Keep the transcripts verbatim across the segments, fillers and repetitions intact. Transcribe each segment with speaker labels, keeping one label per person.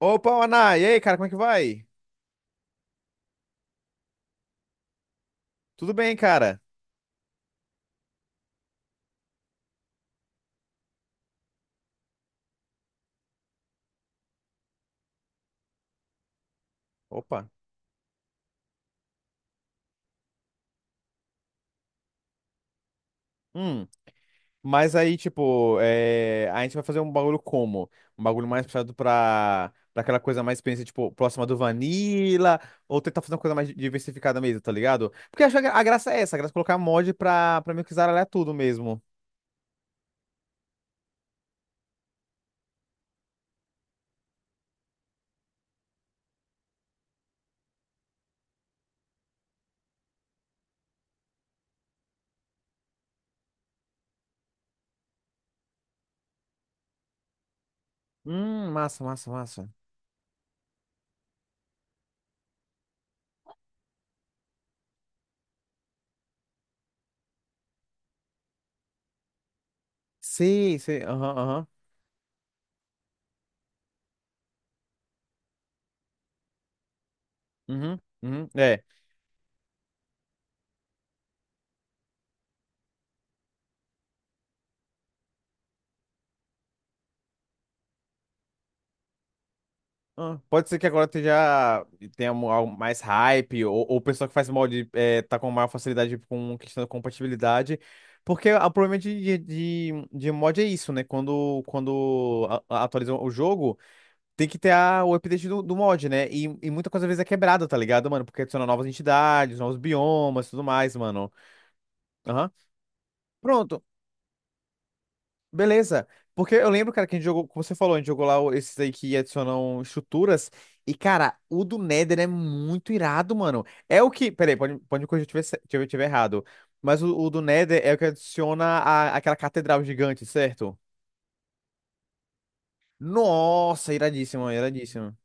Speaker 1: Opa, Ana! E aí, cara, como é que vai? Tudo bem, cara? Opa. Hum. Mas aí, tipo, é, a gente vai fazer um bagulho como? Um bagulho mais puxado pra, pra aquela coisa mais experiência, tipo, próxima do Vanilla, ou tentar fazer uma coisa mais diversificada mesmo, tá ligado? Porque eu acho que a graça é essa, a graça é colocar mod pra, pra meio que zaralhar tudo mesmo. Hum, massa, massa, massa. Sei, sei, aham, aham. Uhum, uhum, é. Ah, pode ser que agora tenha, tenha mo- algo mais hype, ou, ou o pessoal que faz mod, eh, tá com maior facilidade com questão da compatibilidade. Porque a- o problema de, de, de- de mod é isso, né? Quando, quando a- a- atualizam o jogo, tem que ter a, o update do, do mod, né? E, e muita coisa às vezes é quebrada, tá ligado, mano? Porque adiciona novas entidades, novos biomas e tudo mais, mano. Aham. Pronto, beleza. Porque eu lembro, cara, que a gente jogou, como você falou, a gente jogou lá o- esses aí que adicionam estruturas. E, cara, o do Nether é muito irado, mano. É o que. Peraí, pode, pode me corrigir se eu tiver, ce- se eu tiver errado. Mas o, o do Nether é o que adiciona a, aquela catedral gigante, certo? Nossa, iradíssimo, iradíssimo.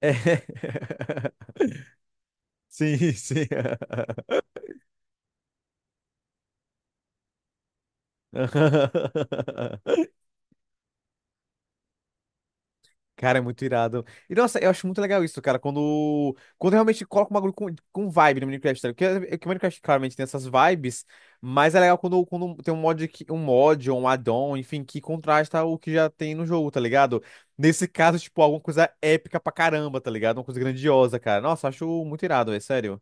Speaker 1: É. Sim, sim. Cara, é muito irado. E nossa, eu acho muito legal isso, cara, quando, quando realmente coloca um bagulho com, com vibe no Minecraft, tá ligado? Porque, é que o Minecraft claramente tem essas vibes, mas é legal quando, quando tem um mod, que- um mod ou um add-on, enfim, que contrasta o que já tem no jogo, tá ligado? Nesse caso, tipo, alguma coisa épica pra caramba, tá ligado? Uma coisa grandiosa, cara. Nossa, acho muito irado, é sério.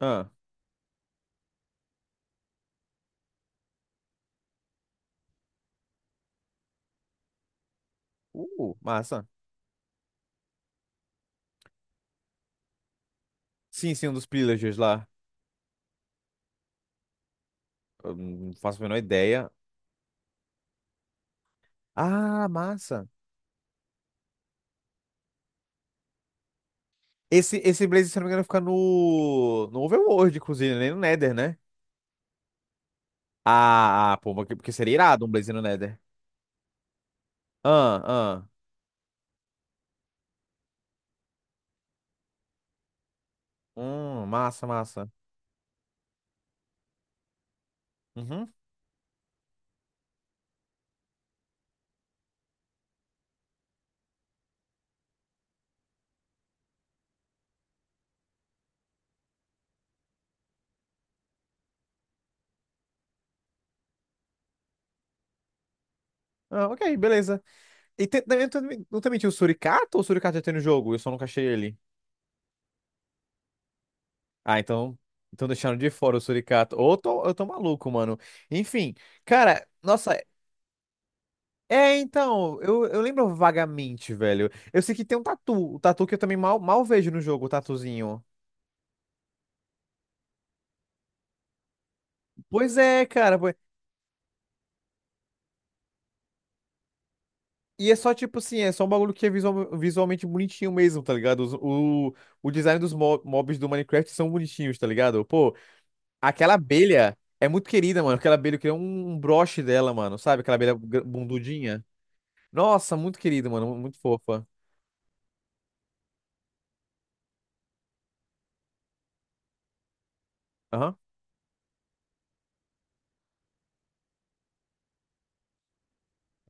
Speaker 1: Ah, uh, massa. Sim, sim, um dos pillagers lá. Eu não faço a menor ideia. Ah, massa. Esse, esse Blaze, se não me engano, fica no, no Overworld, inclusive, nem no Nether, né? Ah, ah, pô, porque porque seria irado um Blaze no Nether. Ah, ah. Hum, massa, massa. Uhum. Ah, ok, beleza. E tem- também- também- não também tinha o Suricato, ou o Suricato já tem no jogo? Eu só nunca achei ele. Ah, então. Então deixaram de fora o Suricato. Ou eu tô, eu tô maluco, mano. Enfim, cara, nossa. É, então, eu, eu lembro vagamente, velho. Eu sei que tem um tatu. O tatu que eu também mal, mal vejo no jogo, o tatuzinho. Pois é, cara. E é só tipo assim, é só um bagulho que é visual- visualmente bonitinho mesmo, tá ligado? Os- O, o design dos mo- mobs do Minecraft são bonitinhos, tá ligado? Pô, aquela abelha é muito querida, mano. Aquela abelha, eu queria um, um broche dela, mano, sabe? Aquela abelha gra- bundudinha. Nossa, muito querida, mano, muito fofa. Aham.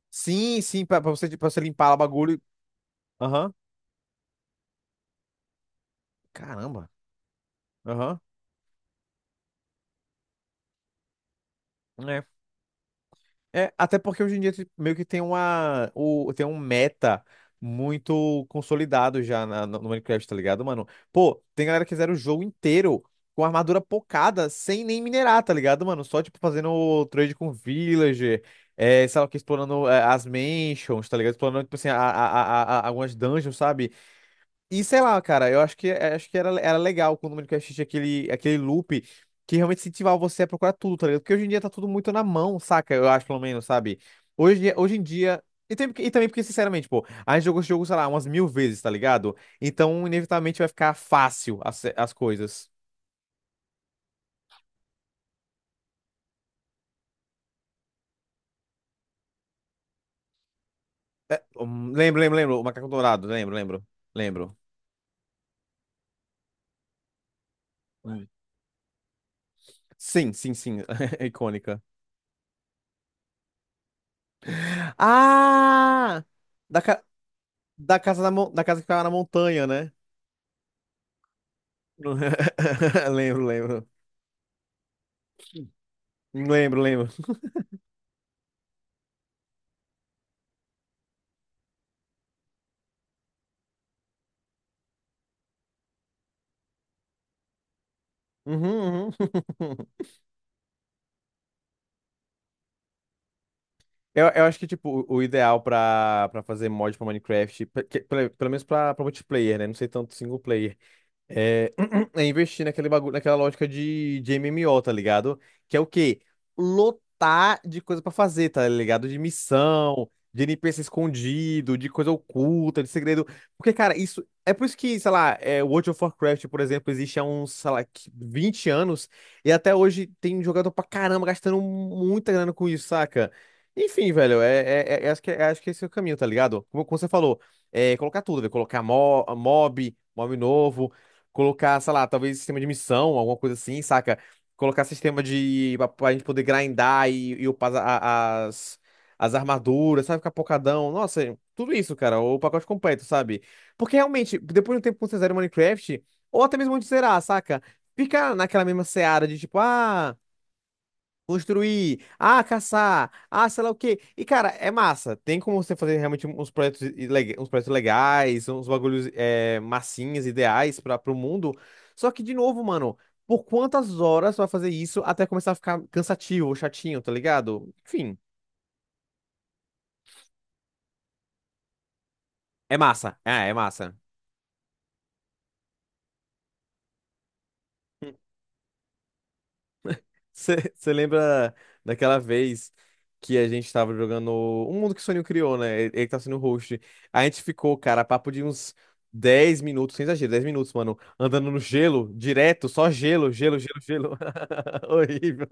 Speaker 1: Sim, sim, pra, pra você, pra você limpar o bagulho. Aham. Caramba. Aham. É, até porque hoje em dia, tipo, meio que tem uma, o, tem um meta muito consolidado já na- no no Minecraft, tá ligado, mano? Pô, tem galera que zera o jogo inteiro com armadura pocada, sem nem minerar, tá ligado, mano? Só, tipo, fazendo o trade com villager, é, sei lá o que, explorando, é, as mansions, tá ligado? Explorando, tipo assim, a, a, a, a- algumas dungeons, sabe? E sei lá, cara, eu acho que, eh, acho que era, era legal quando o Minecraft tinha aquele, aquele loop que realmente incentivava você a procurar tudo, tá ligado? Porque hoje em dia tá tudo muito na mão, saca? Eu acho, pelo menos, sabe? Hoje, em dia- hoje em dia. E, tem- e também porque, sinceramente, pô, a gente jogou esse jogo, sei lá, umas mil vezes, tá ligado? Então, inevitavelmente, vai ficar fácil as, as coisas. É, hum, lembro, lembro, lembro. O Macaco Dourado, lembro, lembro, lembro. Hum. Sim, sim, sim. É icônica. Ah! Da, ca- da casa da, mon- Da casa que ficava na montanha, né? Lembro, lembro. Lembro, lembro. Uhum, uhum. Eu, eu acho que, tipo, o o ideal pra, pra fazer mod pra Minecraft, pe- que- pelo pelo menos pra, pra multiplayer, né? Não sei tanto single player. É, é investir naquele bagulho, naquela lógica de, de M M O, tá ligado? Que é o quê? Lotar de coisa pra fazer, tá ligado? De missão, de N P C escondido, de coisa oculta, de segredo. Porque, cara, isso. É por isso que, sei lá, é, World of Warcraft, por exemplo, existe há uns, sei lá, que- vinte anos, e até hoje tem jogador pra caramba gastando muita grana com isso, saca? Enfim, velho, é, é- é- é, acho que, é, acho que esse é o caminho, tá ligado? Como, como você falou, é, colocar tudo, velho, colocar mo- mob, mob novo. Colocar, sei lá, talvez sistema de missão, alguma coisa assim, saca? Colocar sistema de. Pra, pra gente poder grindar e, e upar a- as, as armaduras, sabe? Ficar pocadão. Nossa, tudo isso, cara, o pacote completo, sabe? Porque realmente, depois de um tempo que você zera o Minecraft, ou até mesmo antes de zerar, saca? Fica naquela mesma seara de, tipo, ah, construir, ah, caçar, ah, sei lá o quê. E, cara, é massa. Tem como você fazer realmente uns projetos, ileg- uns projetos legais, uns bagulhos, é, massinhas, ideais para o mundo. Só que, de novo, mano, por quantas horas você vai fazer isso até começar a ficar cansativo, chatinho, tá ligado? Enfim, é massa. É, é massa. Você lembra daquela vez que a gente tava jogando um mundo que o Soninho criou, né? Ele, ele tá sendo o host. A gente ficou, cara, papo de uns dez minutos, sem exagero, dez minutos, mano, andando no gelo, direto, só gelo, gelo, gelo, gelo. Horrível.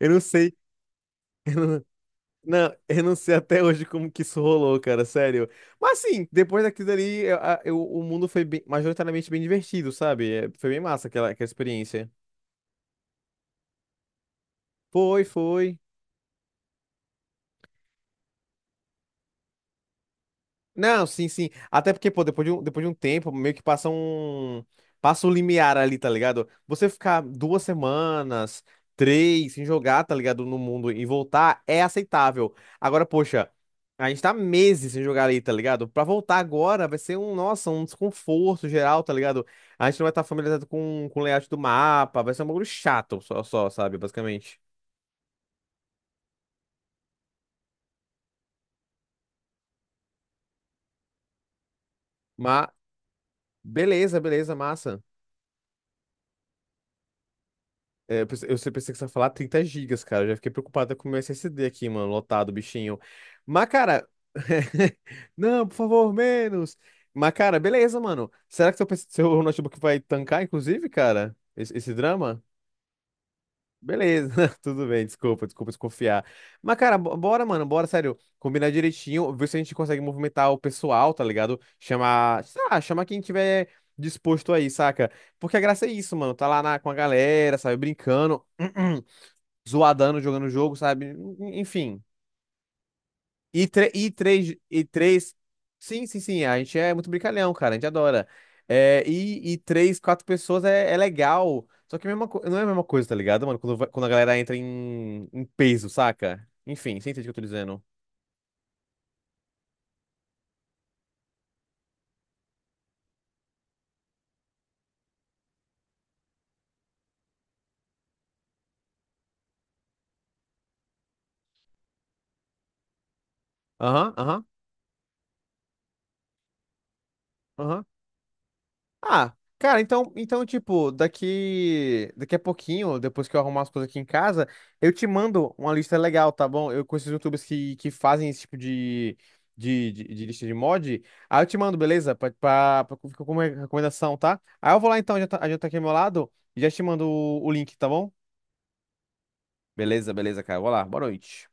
Speaker 1: Eu não sei. Não, eu não sei até hoje como que isso rolou, cara, sério. Mas assim, depois daquilo dali, eu- a- eu- o mundo foi bem- majoritariamente bem divertido, sabe? É, foi bem massa aquela, aquela experiência. Foi, foi. Não, sim, sim. Até porque, pô, depois de um, depois de um tempo, meio que passa um. Passa o limiar ali, tá ligado? Você ficar duas semanas, três, sem jogar, tá ligado? No mundo, e voltar é aceitável. Agora, poxa, a gente tá meses sem jogar ali, tá ligado? Pra voltar agora vai ser um, nossa, um desconforto geral, tá ligado? A gente não vai estar familiarizado com, com o layout do mapa, vai ser um bagulho chato, só, só, sabe? Basicamente. Mas, beleza, beleza, massa. É, eu pensei eu pensei que você ia falar trinta gigas, cara. Eu já fiquei preocupada com o meu S S D aqui, mano, lotado, bichinho. Mas, cara, não, por favor, menos. Mas, cara, beleza, mano. Será que seu, P C, seu notebook vai tancar, inclusive, cara? Esse, esse drama? Beleza, tudo bem, desculpa, desculpa desconfiar. Mas, cara, bo- bora, mano, bora, sério. Combinar direitinho, ver se a gente consegue movimentar o pessoal, tá ligado? Chamar, sei lá, chamar quem tiver disposto aí, saca? Porque a graça é isso, mano. Tá lá na- com a galera, sabe, brincando. Zoadando, jogando o jogo, sabe? Enfim. E, tre- e três, e três. Sim, sim, sim. A gente é muito brincalhão, cara. A gente adora. É, e, e três, quatro pessoas é, é legal. Só que é a mesma co- não é a mesma coisa, tá ligado, mano? Quando, vai- quando a galera entra em, em peso, saca? Enfim, você entende o que eu tô dizendo? Aham, aham, aham. Ah, cara, então, então, tipo, daqui, daqui a pouquinho, depois que eu arrumar as coisas aqui em casa, eu te mando uma lista legal, tá bom? Eu conheço YouTubers que, que fazem esse tipo de, de, de, de lista de mod. Aí eu te mando, beleza? Pra, pra, pra, ficar como recomendação, tá? Aí eu vou lá então, já tá, já tá aqui ao meu lado, e já te mando o, o link, tá bom? Beleza, beleza, cara. Vou lá. Boa noite.